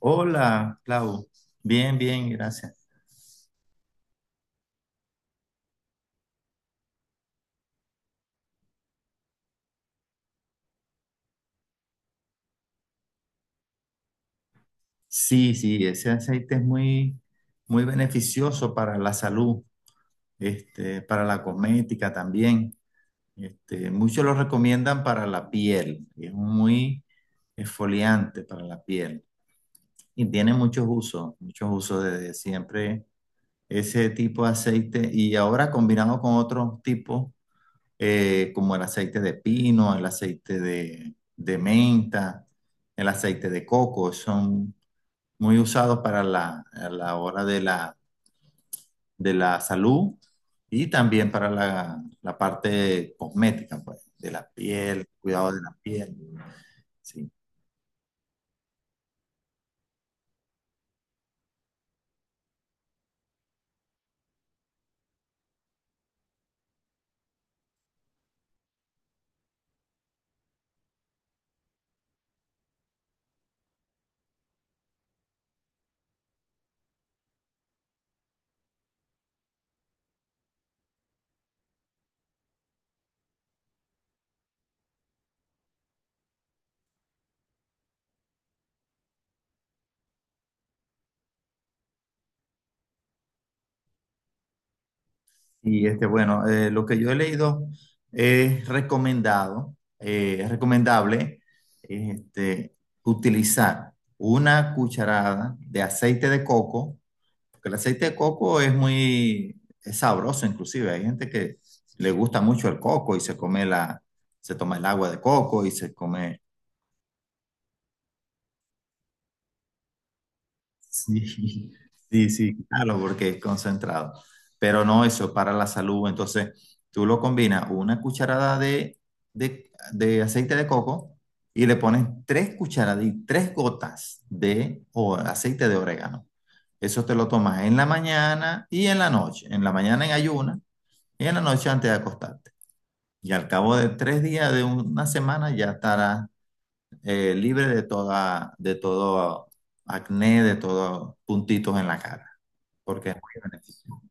Hola, Clau. Bien, bien, gracias. Sí, sí, ese aceite es muy, muy beneficioso para la salud, para la cosmética también. Muchos lo recomiendan para la piel. Es muy exfoliante para la piel y tiene muchos usos desde siempre ese tipo de aceite y ahora combinado con otros tipos. Como el aceite de pino, el aceite de menta, el aceite de coco, son muy usados a la hora de la salud y también para la parte cosmética, pues, de la piel, cuidado de la piel. Sí. Y bueno, lo que yo he leído es recomendado, es recomendable, este, utilizar una cucharada de aceite de coco. Porque el aceite de coco es sabroso inclusive. Hay gente que le gusta mucho el coco y se toma el agua de coco y se come. Sí, sí, sí, claro, porque es concentrado. Pero no eso, para la salud. Entonces, tú lo combinas una cucharada de aceite de coco y le pones tres cucharadas y tres gotas de aceite de orégano. Eso te lo tomas en la mañana y en la noche. En la mañana en ayuna. Y en la noche antes de acostarte. Y al cabo de tres días, de una semana, ya estarás libre de todo acné, de todos puntitos en la cara, porque es muy beneficioso.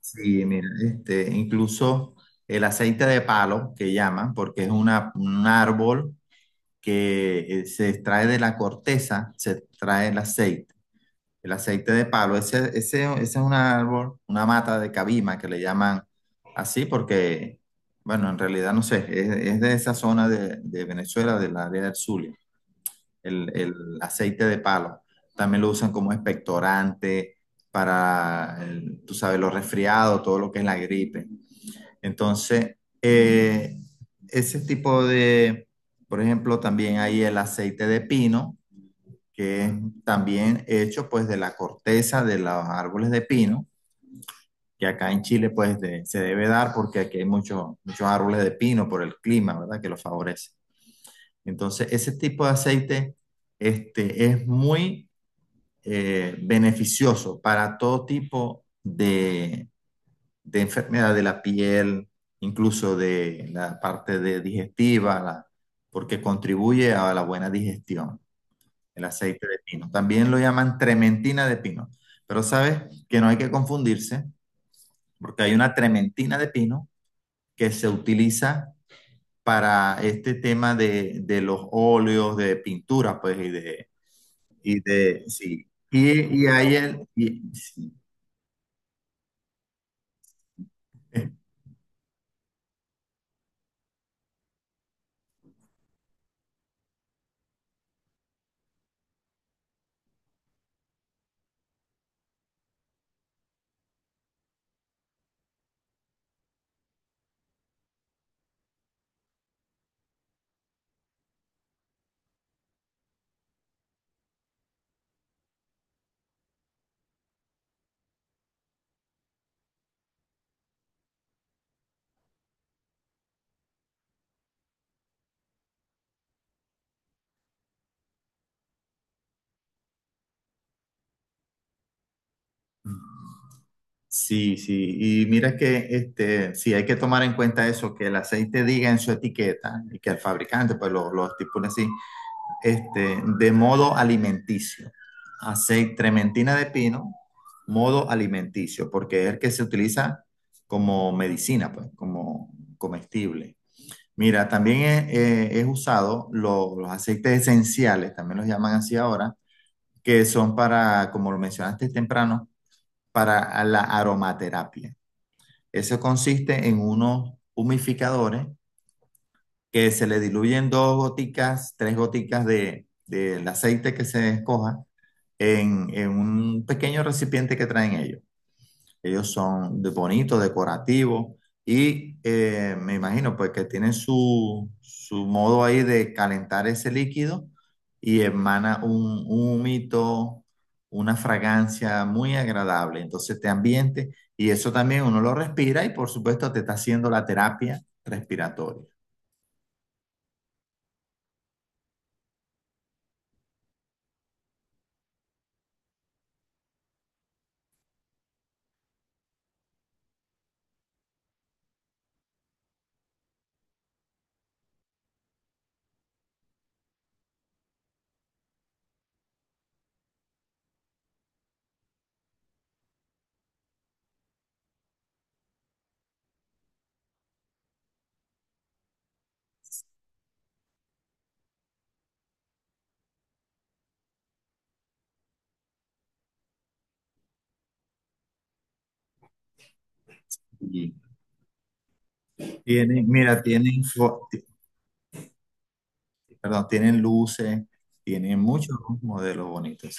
Sí, mira, incluso el aceite de palo, que llaman, porque es un árbol que se extrae de la corteza, se extrae el aceite. El aceite de palo, ese es un árbol, una mata de cabima que le llaman así porque, bueno, en realidad no sé, es de esa zona de Venezuela, del área del Zulia, el aceite de palo. También lo usan como expectorante para, tú sabes, los resfriados, todo lo que es la gripe. Entonces, ese tipo de, por ejemplo, también hay el aceite de pino que es también hecho pues de la corteza de los árboles de pino, que acá en Chile pues se debe dar porque aquí hay muchos muchos árboles de pino por el clima, ¿verdad? Que lo favorece. Entonces, ese tipo de aceite es muy beneficioso para todo tipo de enfermedad de la piel, incluso de la parte de digestiva, porque contribuye a la buena digestión. El aceite de pino. También lo llaman trementina de pino. Pero sabes que no hay que confundirse, porque hay una trementina de pino que se utiliza para este tema de los óleos, de pintura, pues, y de, sí. Sí. eh, Sí, sí, y mira que sí hay que tomar en cuenta eso, que el aceite diga en su etiqueta y que el fabricante pues lo estipule así, de modo alimenticio. Aceite trementina de pino, modo alimenticio, porque es el que se utiliza como medicina, pues, como comestible. Mira, también es usado los aceites esenciales, también los llaman así ahora, que son para, como lo mencionaste temprano, para la aromaterapia. Eso consiste en unos humificadores que se le diluyen dos goticas, tres goticas del aceite que se escoja en un pequeño recipiente que traen ellos. Ellos son de bonitos, decorativos y me imagino pues que tienen su modo ahí de calentar ese líquido y emana un humito, una fragancia muy agradable. Entonces te ambiente y eso también uno lo respira y por supuesto te está haciendo la terapia respiratoria. Y tienen, mira, tienen, perdón, tienen luces, tienen muchos modelos bonitos.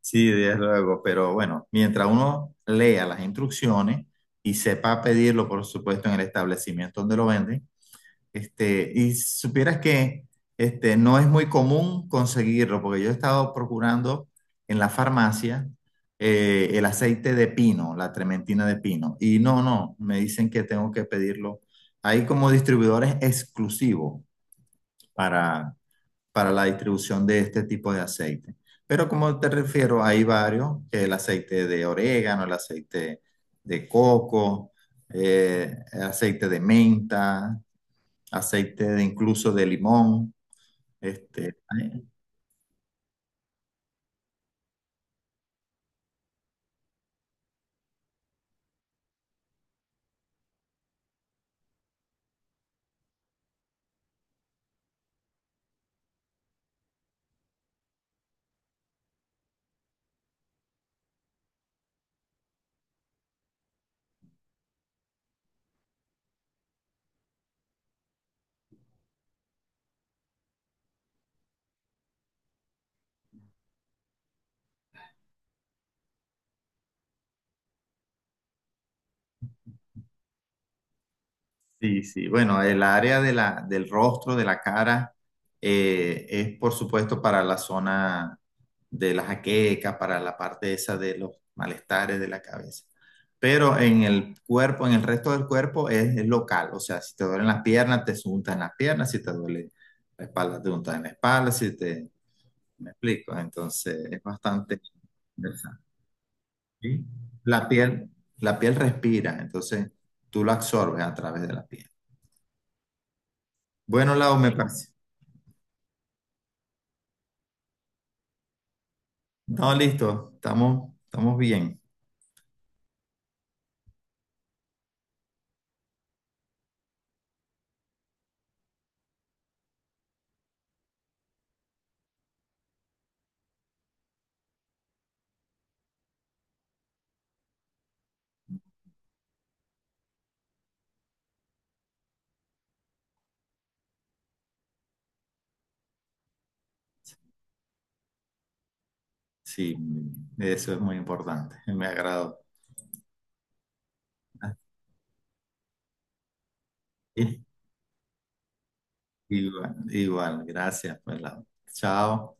Sí, desde luego, pero bueno, mientras uno lea las instrucciones y sepa pedirlo, por supuesto, en el establecimiento donde lo venden, y supieras que no es muy común conseguirlo, porque yo he estado procurando en la farmacia el aceite de pino, la trementina de pino, y no, no, me dicen que tengo que pedirlo. Hay como distribuidores exclusivos para la distribución de este tipo de aceite. Pero como te refiero, hay varios, el aceite de orégano, el aceite de coco, eh, aceite de menta, aceite de incluso de limón. Este, hay, Sí, sí. Bueno, el área de del rostro, de la cara, es por supuesto para la zona de la jaqueca, para la parte esa de los malestares de la cabeza. Pero en el cuerpo, en el resto del cuerpo es local. O sea, si te duelen las piernas, te untas en las piernas. Si te duele la espalda, te untan en la espalda. Si te. ¿Me explico? Entonces, es bastante interesante. ¿Sí? La piel, la piel respira, entonces tú lo absorbes a través de la piel. Bueno, Lau, me parece. No, listo, estamos bien. Sí, eso es muy importante. Me agradó. Igual, igual, gracias, pues, Lau. Chao.